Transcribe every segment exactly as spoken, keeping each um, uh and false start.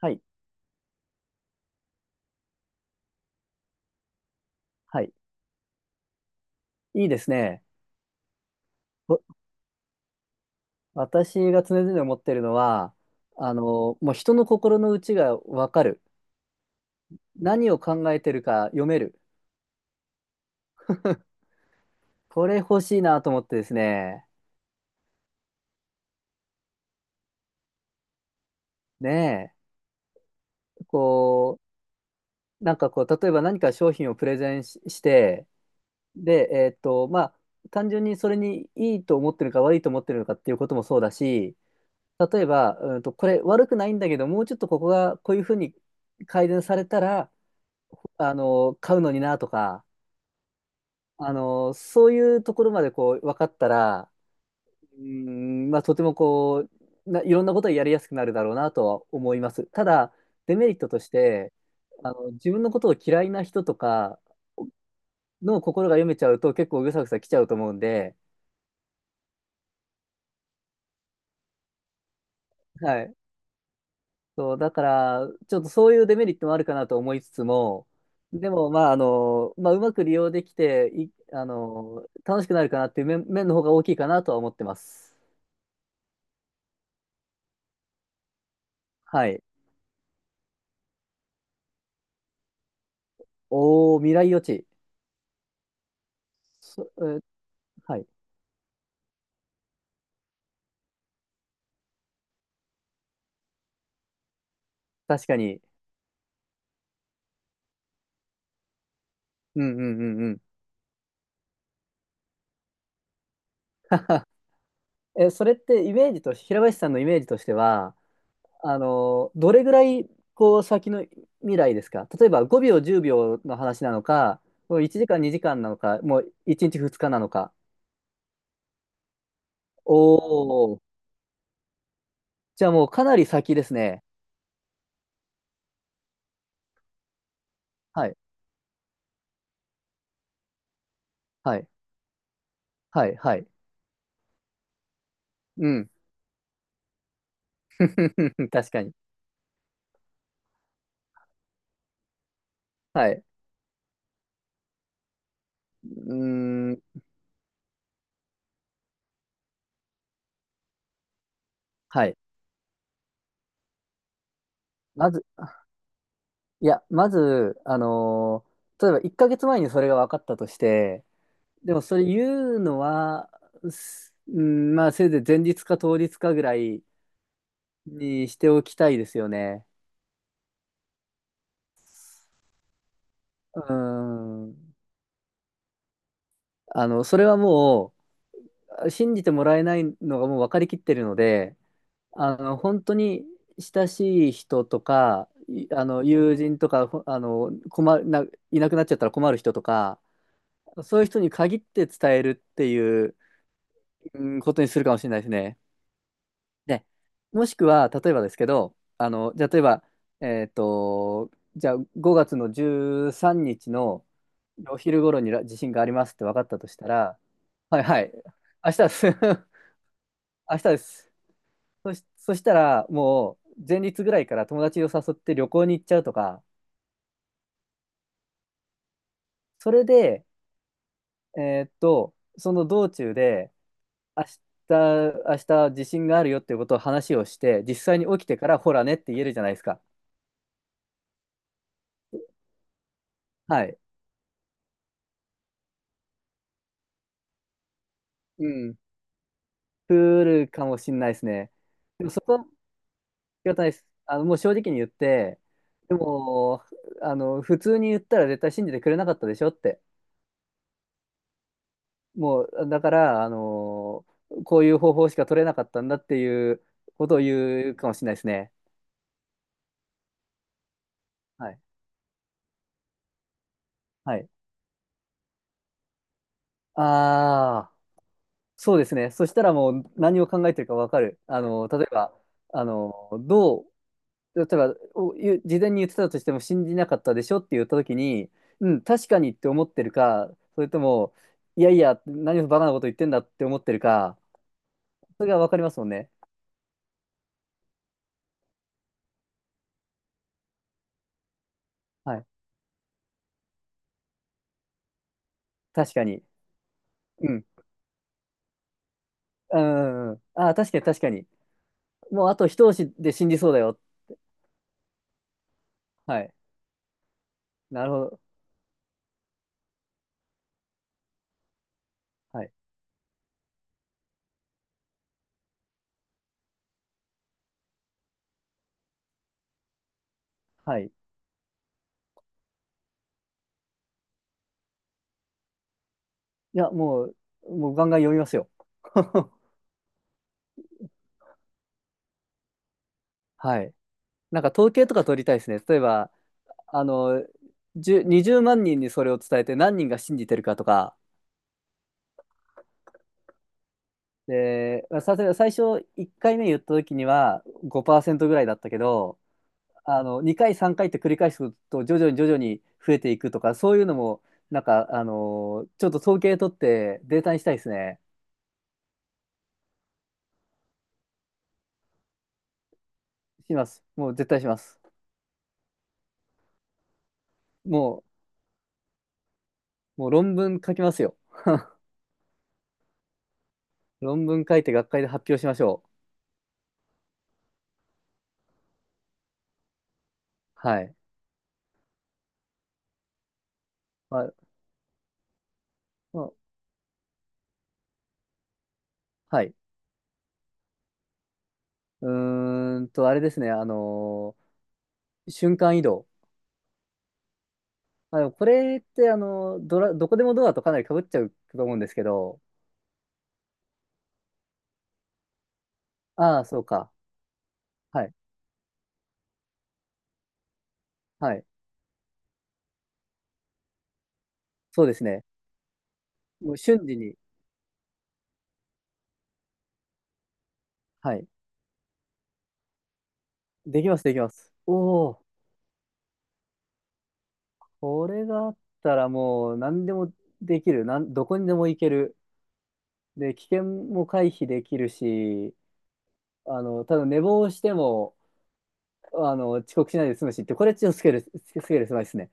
はい。はい。いいですね。わ私が常々思ってるのは、あの、もう人の心の内がわかる。何を考えてるか読める。これ欲しいなと思ってですね。ねえ。こう、なんかこう、例えば何か商品をプレゼンし、して、で、えーっと、まあ、単純にそれにいいと思ってるか悪いと思ってるのかっていうこともそうだし、例えば、うんと、これ悪くないんだけど、もうちょっとここがこういうふうに改善されたら、あの、買うのになとか、あの、そういうところまでこう、分かったら、うーん、まあ、とてもこう、な、いろんなことをやりやすくなるだろうなとは思います。ただ、デメリットとして、あの、自分のことを嫌いな人とかの心が読めちゃうと結構ぐさぐさ来ちゃうと思うんで、はい。そう、だから、ちょっとそういうデメリットもあるかなと思いつつも、でも、まあ、あの、まあ、うまく利用できて、い、あの、楽しくなるかなっていう面、面の方が大きいかなとは思ってます。はい。おー、未来予知。そ、えーはい。確かに。うんうんうんうん。え、それってイメージと、平林さんのイメージとしては、あの、どれぐらい、こう、先の未来ですか？例えばごびょう、じゅうびょうの話なのか、もういちじかん、にじかんなのか、もういちにち、ふつかなのか。おー、じゃあもうかなり先ですね。はい、はい、はい、はい。うん。確かに。はい。うーん、はい。まず、いや、まず、あのー例えばいっかげつまえにそれが分かったとして、でもそれ言うのは、すうん、まあせいぜい前日か当日かぐらいにしておきたいですよね。うん。あの、それはもう、信じてもらえないのがもう分かりきってるので、あの、本当に親しい人とか、いあの、友人とか、ほあの、困るな、いなくなっちゃったら困る人とか、そういう人に限って伝えるっていう、うん、ことにするかもしれないですね。で、もしくは、例えばですけど、あの、じゃあ、例えば、えっと、じゃあ、ごがつのじゅうさんにちのお昼頃にら地震がありますって分かったとしたら、はいはい、明日です。明日です。そし、そしたら、もう、前日ぐらいから友達を誘って旅行に行っちゃうとか、それで、えーっと、その道中で、明日、明日地震があるよっていうことを話をして、実際に起きてから、ほらねって言えるじゃないですか。はい。うん。来るかもしんないですね。でもそこは仕方ないです。あの、もう正直に言って、でも、あの、普通に言ったら絶対信じてくれなかったでしょって。もう、だから、あの、こういう方法しか取れなかったんだっていうことを言うかもしれないですね。はい。はい。ああ、そうですね。そしたらもう何を考えてるかわかる。あの、例えば、あの、どう例えばお言う事前に言ってたとしても信じなかったでしょって言った時に、うん、確かにって思ってるか、それとも、いやいや、何をバカなこと言ってんだって思ってるか、それが分かりますもんね。はい。確かに。うん。うんうんうん。ああ、確かに確かに。もうあと一押しで信じそうだよ。はい。なるほど。はい。はい。いや、もう、もうガンガン読みますよ。はい。なんか統計とか取りたいですね。例えば、あの、じゅう にじゅうまん人にそれを伝えて何人が信じてるかとか、で、まあさすがに最初いっかいめ言った時にはごパーセントぐらいだったけど、あのにかいさんかいって繰り返すと徐々に徐々に増えていくとか、そういうのもなんかあのちょっと統計取ってデータにしたいですね。します。もう絶対します。もう、もう論文書きますよ。論文書いて学会で発表しましょう。はい。まあ、まあはい。うーんと、あれですね。あのー瞬間移動。あのこれってあのドラ、どこでもドアとかなり被っちゃうと思うんですけど、ああ、そうか。はい。はい。そうですね。もう瞬時に。はい。できます、できます。おお、これがあったらもう何でもできる。なん、どこにでも行ける。で、危険も回避できるし、あの、ただ寝坊しても、あの、遅刻しないで済むしって、これちょっとスケール、スケール狭いですね。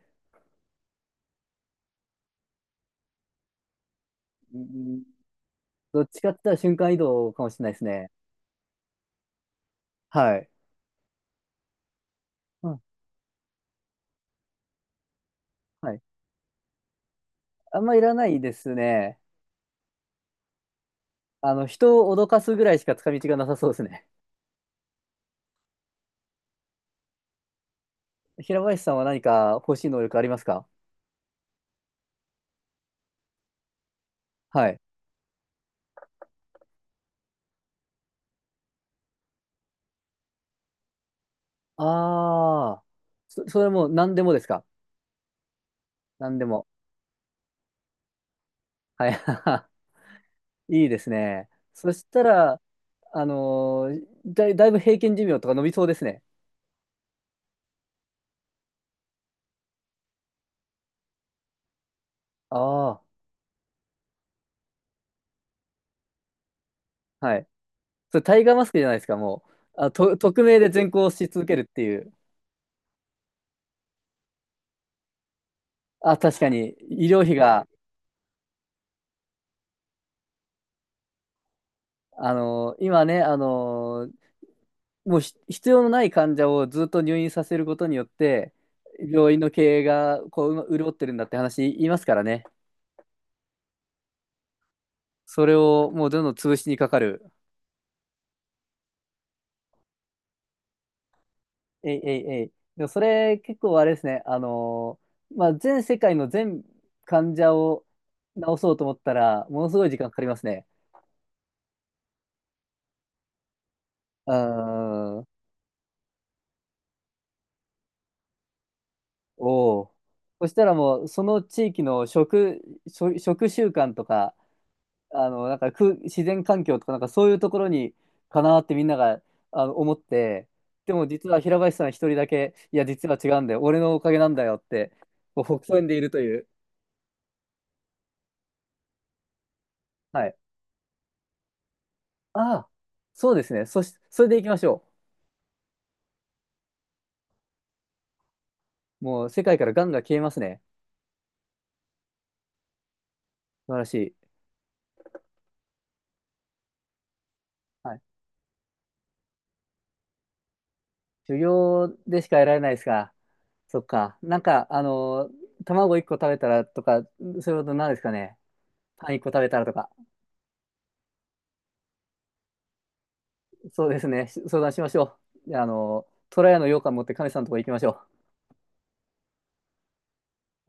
うん、どっちかって言ったら瞬間移動かもしれないですね。はい。うん、はい。あんまいらないですね。あの、人を脅かすぐらいしか使い道がなさそうですね。平林さんは何か欲しい能力ありますか？はい。ああ、そ、それも何でもですか？何でも。はい。いいですね。そしたら、あのーだい、だいぶ平均寿命とか伸びそうですね。ああ、はい。それタイガーマスクじゃないですか、もう。あ、と、匿名で善行し続けるっていう。あ、確かに、医療費が、あのー今ね、あのもうひ必要のない患者をずっと入院させることによって、病院の経営がこううま潤ってるんだって話言いますからね。それをもうどんどん潰しにかかる。えいえいえい。でもそれ結構あれですね、あのーまあ、全世界の全患者を治そうと思ったら、ものすごい時間かかりますね。うーん。おお。そしたらもう、その地域の食、食、食習慣とか、あの、なんか空自然環境とか、なんかそういうところにかなってみんながあの思って、でも実は平林さん一人だけ、いや、実は違うんだよ、俺のおかげなんだよって、こうほくそ笑んでいるという。はい。ああ、そうですね。そし、それでいきましょう。もう世界からガンが消えますね。素晴らしい。はい。修行でしか得られないですか？そっか。なんか、あの、卵いっこ食べたらとか、そういうことなんですかね。パンいっこ食べたらとか。そうですね。相談しましょう。あの、トラヤの羊羹持ってカメさんのとこ行きましょう。